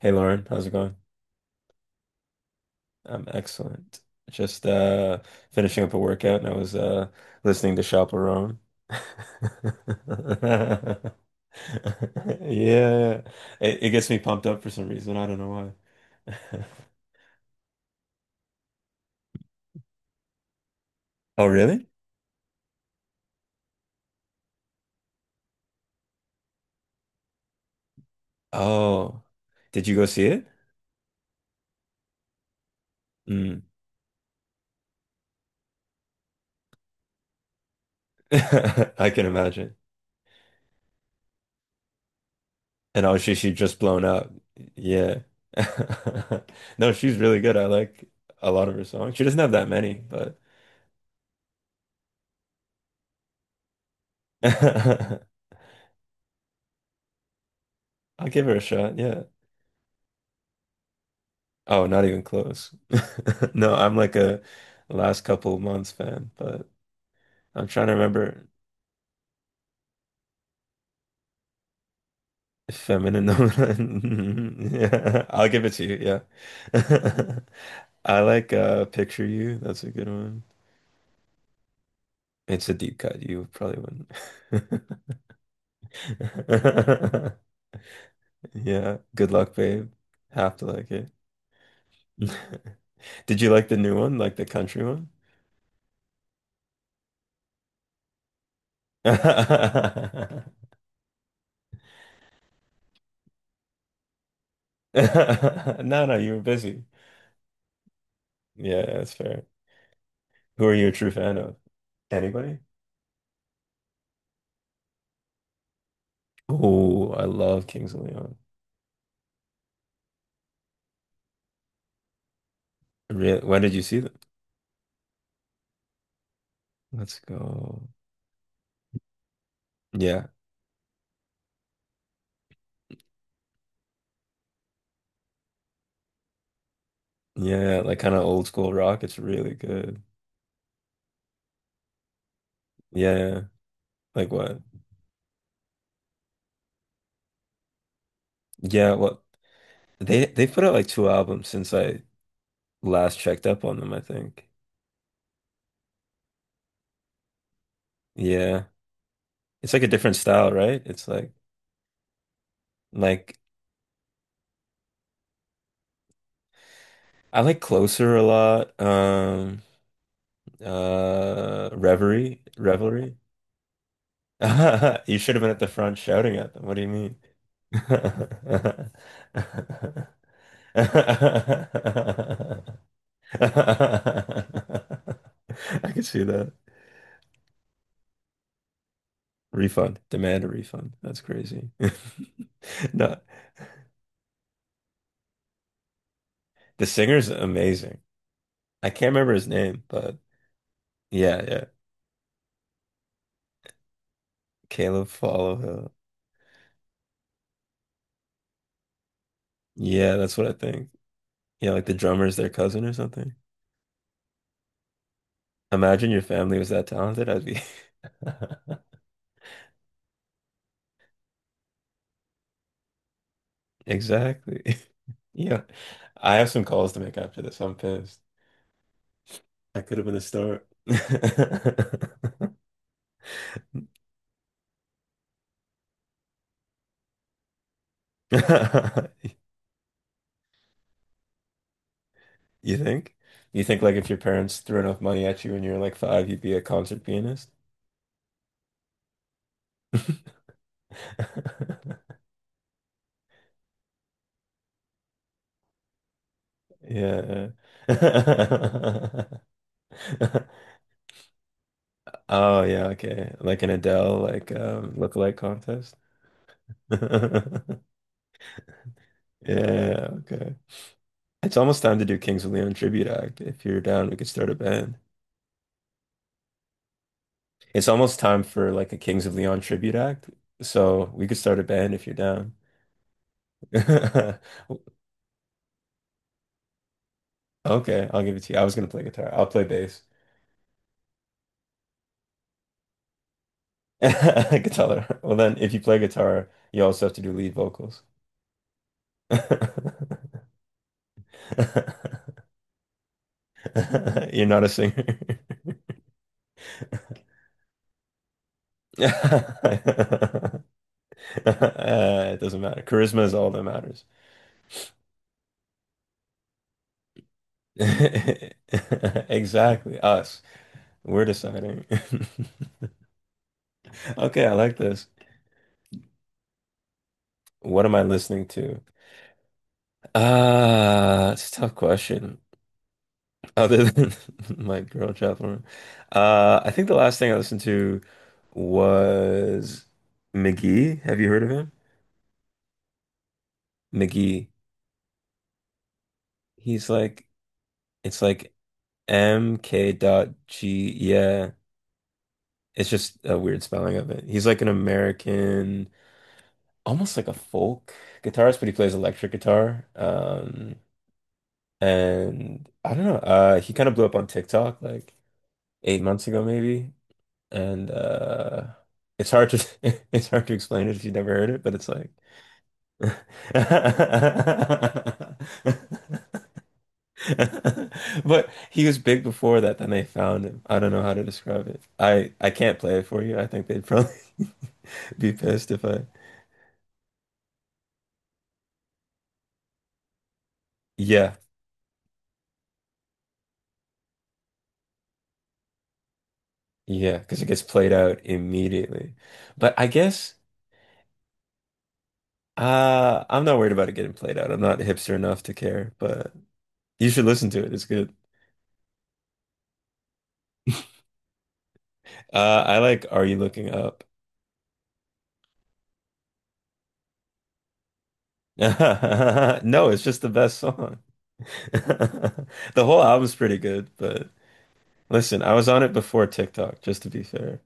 Hey Lauren, how's it going? I'm excellent. Just finishing up a workout and I was listening to Chaperone. Yeah. It gets me pumped up for some reason. I don't know why. Oh really? Oh. Did you go see it? Mm. I can imagine. And obviously she just blown up. Yeah. No, she's really good. I like a lot of her songs. She doesn't have that many, but I'll give her a shot. Yeah. Oh, not even close. No, I'm like a last couple of months fan, but I'm trying to remember if feminine. Yeah, I'll give it to you. Yeah. I like Picture You. That's a good one. It's a deep cut. You probably wouldn't. Yeah. Good luck, babe. Have to like it. Did you like the new one, like the country one? No, no, you were busy. Yeah, that's fair. Who are you a true fan of? Anybody? Oh, I love Kings of Leon. Really? When did you see them? Let's go. Yeah. Yeah, like kind of old school rock. It's really good. Yeah. Yeah. Like what? Yeah, what they put out like two albums since I last checked up on them, I think. Yeah. It's like a different style, right? It's like I like Closer a lot. Reverie, Revelry. You should have been at the front shouting at them. What do you mean? I can see that. Refund. Demand a refund. That's crazy. No. The singer's amazing. I can't remember his name, but yeah, yeah. Caleb Followill. Yeah, that's what I think. Yeah, like the drummer's their cousin or something. Imagine your family was that talented. I'd be exactly. Yeah, I have some calls to make after this. I'm pissed. I could have been a start. You think? You think like if your parents threw enough money at you when you were like five, you'd be a concert pianist? Yeah. Oh yeah, okay. Like an Adele like lookalike contest. Yeah, okay. It's almost time to do Kings of Leon tribute act. If you're down, we could start a band. It's almost time for like a Kings of Leon tribute act. So we could start a band if you're down. Okay, I'll give it to you. I was gonna play guitar. I'll play bass. Guitar. Well then, if you play guitar, you also have to do lead vocals. You're not a singer. It doesn't matter. Charisma is all that matters. Exactly. Us. We're deciding. Okay, I like this. What am I listening to? It's a tough question. Other than my girl chat room, I think the last thing I listened to was McGee. Have you heard of him? McGee. He's like, it's like MK dot G. Yeah, it's just a weird spelling of it. He's like an American, almost like a folk guitarist, but he plays electric guitar. And I don't know. He kind of blew up on TikTok like 8 months ago, maybe. And it's hard to it's hard to explain it if you've never heard it, but it's like but he was big before that, then they found him. I don't know how to describe it. I can't play it for you. I think they'd probably be pissed if I yeah. Yeah, because it gets played out immediately. But I guess I'm not worried about it getting played out. I'm not hipster enough to care, but you should listen to it. It's good. I like Are You Looking Up? No, it's just the best song. The whole album's pretty good, but listen, I was on it before TikTok, just to be fair.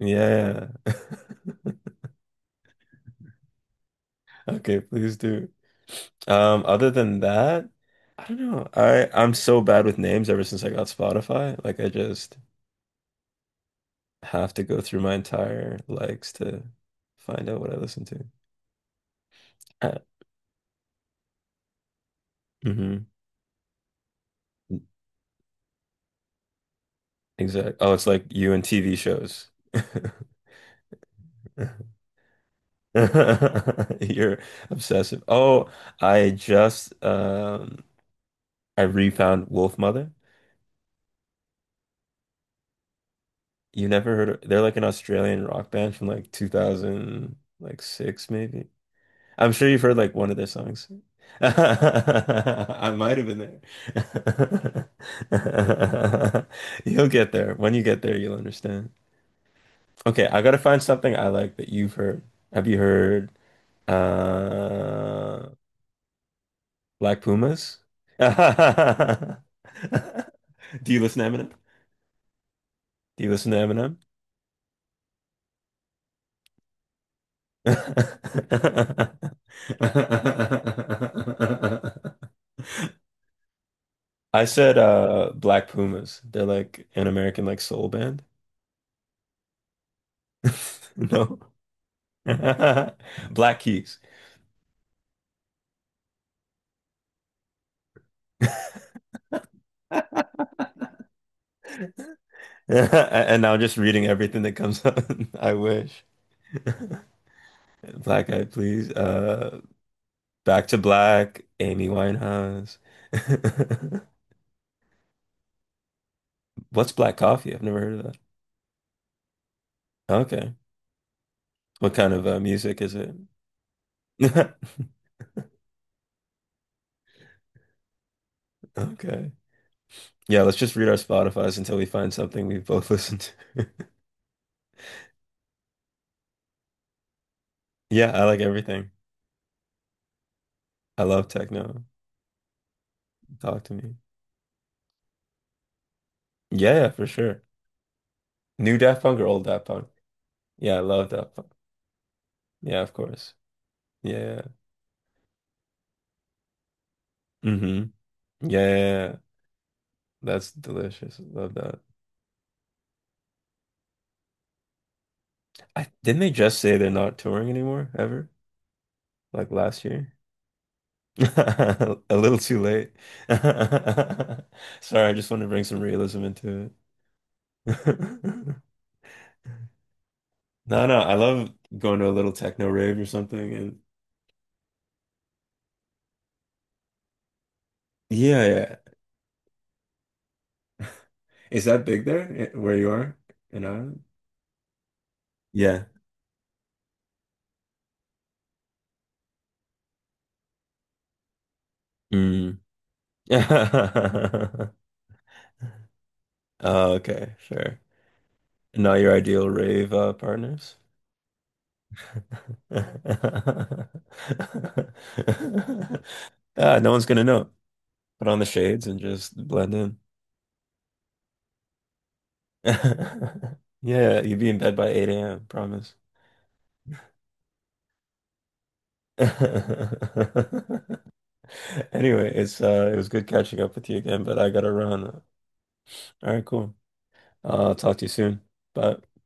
Yeah. Okay, please do. Other than that, I don't know. I'm so bad with names ever since I got Spotify. Like I just have to go through my entire likes to find out what I listen to. Uh, mm-hmm. Exactly. Oh, it's like you and TV shows. You're obsessive. Oh, I just I refound Wolf Mother. You never heard of, they're like an Australian rock band from like 2000 like six maybe. I'm sure you've heard like one of their songs. I might have been there. You'll get there. When you get there, you'll understand. Okay, I gotta find something I like that you've heard. Have you heard uh Black Pumas? Do you listen to Eminem? Do you listen to Eminem? I said Black Pumas. They're like an American like soul band. No. Black Keys. And now I'm just reading everything that comes up. I wish. Black Eyed Please. Back to Black, Amy Winehouse. What's black coffee? I've never heard of okay. What kind of music is it? Okay. Yeah, let's just read our Spotifys until we find something we both listen to. Yeah, I like everything. I love techno. Talk to me. Yeah, yeah, for sure. New Daft Punk or old Daft Punk? Yeah, I love Daft Punk. Yeah, of course. Yeah. Yeah, mm-hmm. Yeah, yeah, yeah. That's delicious. Love that. I didn't they just say they're not touring anymore ever? Like last year? A little too late. Sorry, I just want to bring some realism into it. No, no, I love going to a little techno rave or something. And yeah, yeah. Is that big there eh, where you are in Ireland? Yeah. Mm. Oh, okay, sure. Not your ideal rave partners? Ah, no one's gonna know. Put on the shades and just blend in. Yeah, you'd be in bed by 8 a.m., promise. Anyway, it's it was good catching up with you again, but I gotta run. All right, cool. I'll talk to you soon. Bye.